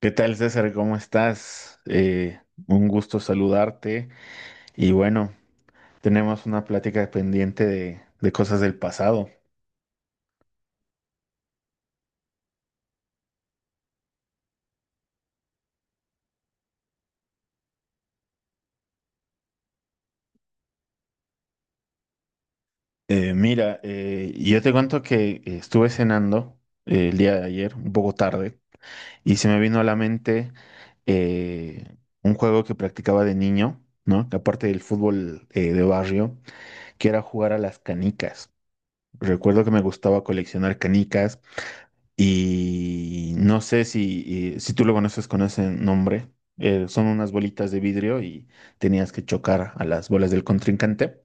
¿Qué tal, César? ¿Cómo estás? Un gusto saludarte. Y bueno, tenemos una plática pendiente de cosas del pasado. Mira, yo te cuento que estuve cenando el día de ayer, un poco tarde, y se me vino a la mente eh, un juego que practicaba de niño, ¿no? Aparte del fútbol de barrio, que era jugar a las canicas. Recuerdo que me gustaba coleccionar canicas. Y no sé si tú lo conoces con ese nombre. Son unas bolitas de vidrio y tenías que chocar a las bolas del contrincante.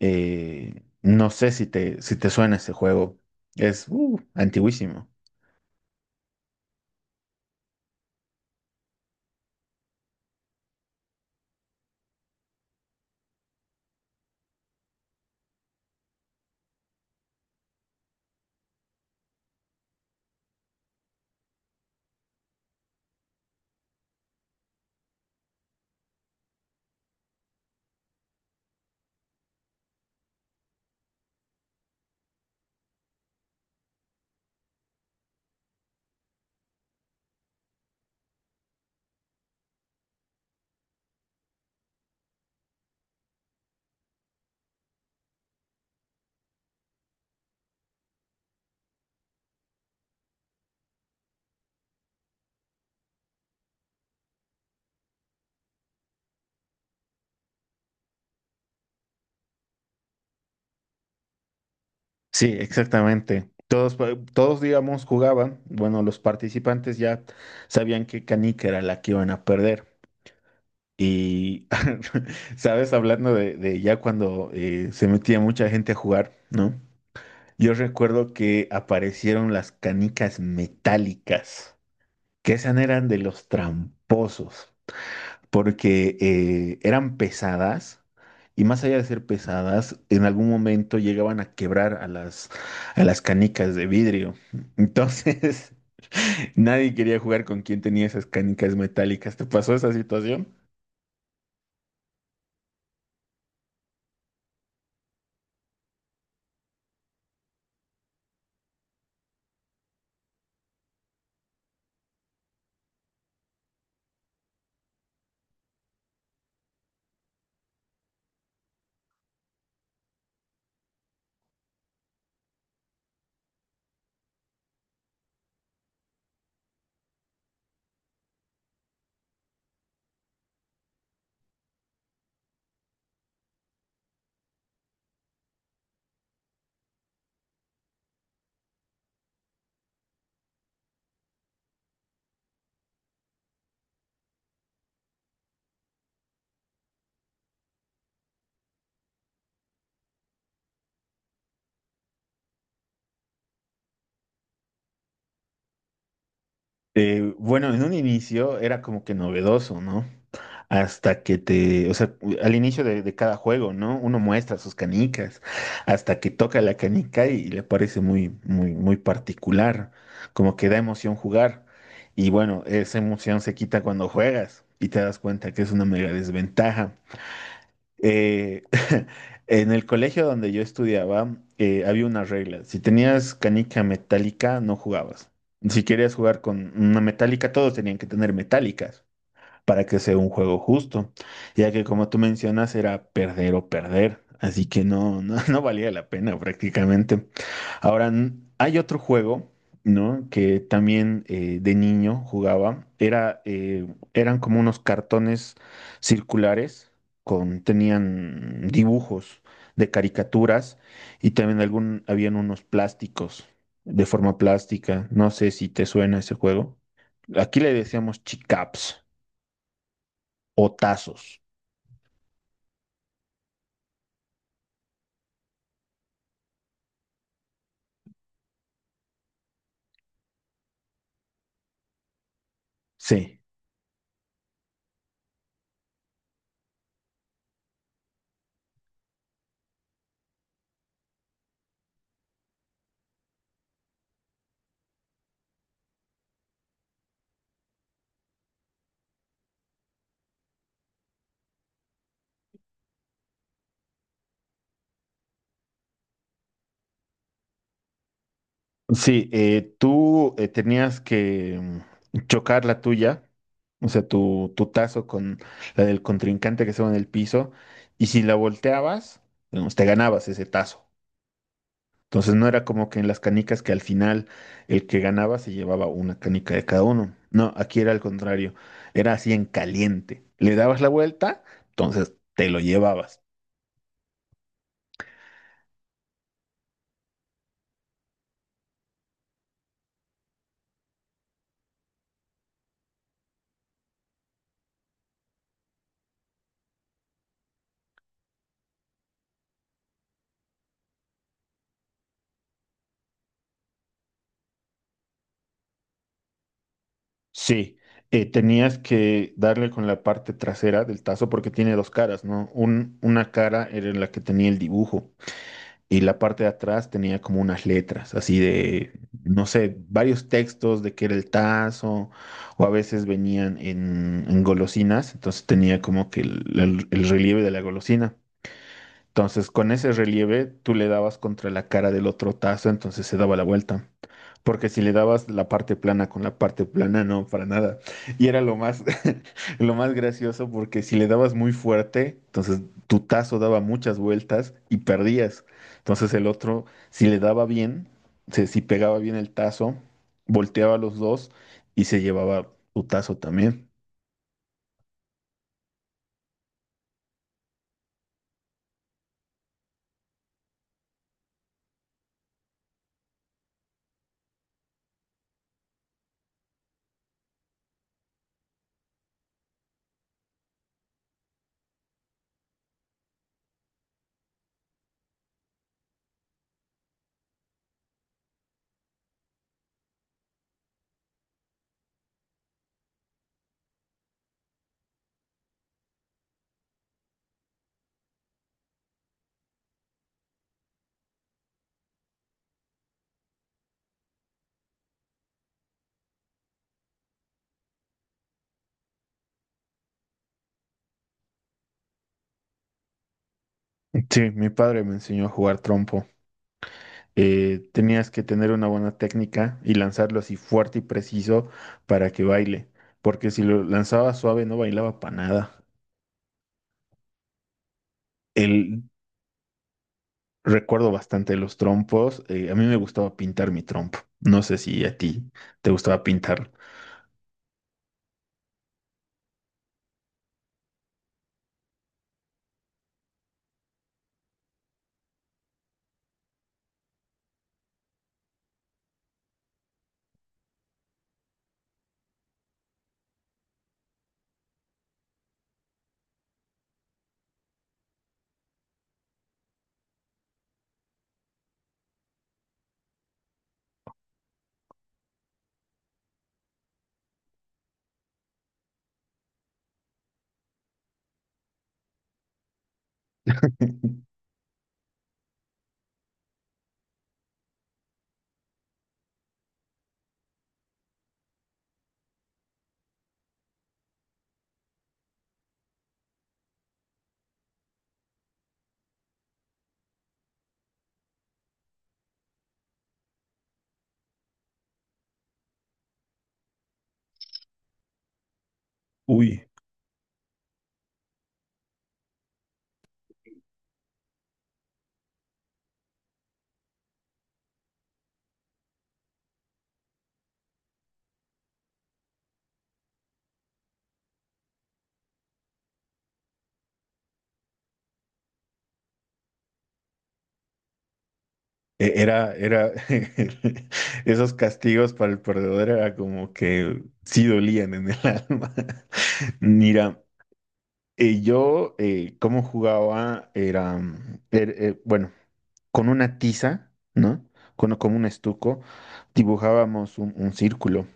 No sé si te suena ese juego. Es antiguísimo. Sí, exactamente. Todos, digamos, jugaban. Bueno, los participantes ya sabían qué canica era la que iban a perder. Y, ¿sabes? Hablando de ya cuando se metía mucha gente a jugar, ¿no? Yo recuerdo que aparecieron las canicas metálicas, que esas eran de los tramposos, porque eran pesadas y más allá de ser pesadas, en algún momento llegaban a quebrar a las canicas de vidrio. Entonces, nadie quería jugar con quien tenía esas canicas metálicas. ¿Te pasó esa situación? Bueno, en un inicio era como que novedoso, ¿no? Hasta que te, o sea, al inicio de cada juego, ¿no? Uno muestra sus canicas hasta que toca la canica y le parece muy, muy, muy particular, como que da emoción jugar. Y bueno, esa emoción se quita cuando juegas y te das cuenta que es una mega desventaja. Eh, en el colegio donde yo estudiaba, había una regla. Si tenías canica metálica, no jugabas. Si querías jugar con una metálica, todos tenían que tener metálicas para que sea un juego justo, ya que como tú mencionas era perder o perder, así que no, no, no valía la pena prácticamente. Ahora, hay otro juego, ¿no? Que también de niño jugaba, era, eran como unos cartones circulares con, tenían dibujos de caricaturas y también algún, habían unos plásticos de forma plástica, no sé si te suena ese juego. Aquí le decíamos chicaps. O tazos. Sí, sí, tú tenías que chocar la tuya, o sea, tu tazo con la del contrincante que estaba en el piso, y si la volteabas, digamos, te ganabas ese tazo. Entonces no era como que en las canicas que al final el que ganaba se llevaba una canica de cada uno. No, aquí era al contrario, era así en caliente. Le dabas la vuelta, entonces te lo llevabas. Sí, tenías que darle con la parte trasera del tazo porque tiene dos caras, ¿no? Una cara era la que tenía el dibujo y la parte de atrás tenía como unas letras, así de, no sé, varios textos de qué era el tazo o a veces venían en golosinas, entonces tenía como que el relieve de la golosina. Entonces con ese relieve tú le dabas contra la cara del otro tazo, entonces se daba la vuelta. Porque si le dabas la parte plana con la parte plana, no, para nada. Y era lo más, lo más gracioso porque si le dabas muy fuerte, entonces tu tazo daba muchas vueltas y perdías. Entonces el otro, si le daba bien, si pegaba bien el tazo, volteaba los dos y se llevaba tu tazo también. Sí, mi padre me enseñó a jugar trompo. Tenías que tener una buena técnica y lanzarlo así fuerte y preciso para que baile, porque si lo lanzaba suave no bailaba para nada. El, recuerdo bastante los trompos, a mí me gustaba pintar mi trompo, no sé si a ti te gustaba pintar. Uy, era, esos castigos para el perdedor era como que sí dolían en el alma. Mira, yo cómo jugaba era, bueno. Con una tiza, ¿no? Con un estuco, dibujábamos un círculo.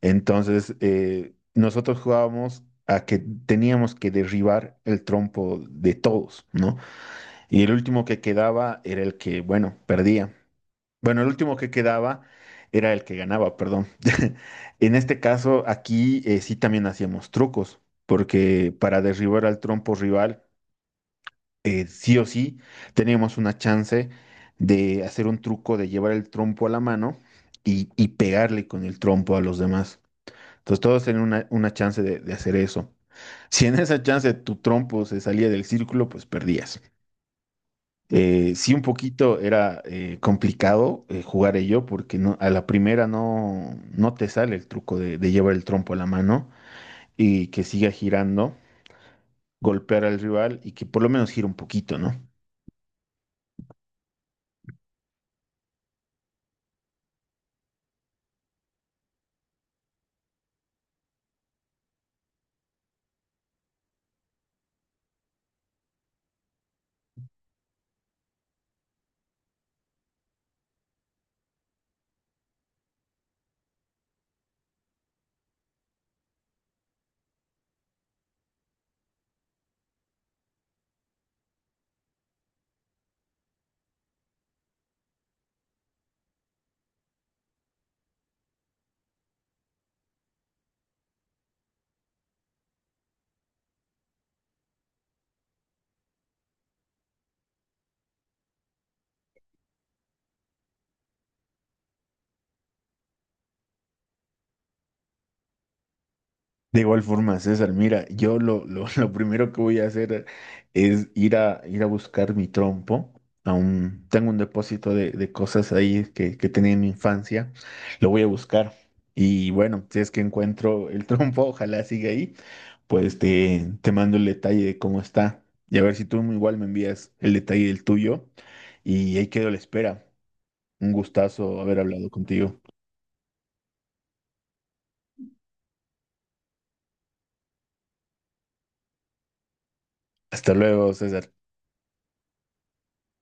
Entonces, nosotros jugábamos a que teníamos que derribar el trompo de todos, ¿no? Y el último que quedaba era el que, bueno, perdía. Bueno, el último que quedaba era el que ganaba, perdón. En este caso, aquí sí también hacíamos trucos, porque para derribar al trompo rival, sí o sí teníamos una chance de hacer un truco de llevar el trompo a la mano y pegarle con el trompo a los demás. Entonces todos tenían una chance de hacer eso. Si en esa chance tu trompo se salía del círculo, pues perdías. Sí, un poquito era complicado jugar ello porque no, a la primera no, no te sale el truco de llevar el trompo a la mano y que siga girando, golpear al rival y que por lo menos gire un poquito, ¿no? De igual forma, César, mira, yo lo primero que voy a hacer es ir ir a buscar mi trompo. Aún tengo un depósito de cosas ahí que tenía en mi infancia. Lo voy a buscar. Y bueno, si es que encuentro el trompo, ojalá siga ahí, pues te mando el detalle de cómo está. Y a ver si tú igual me envías el detalle del tuyo. Y ahí quedo a la espera. Un gustazo haber hablado contigo. Hasta luego, César.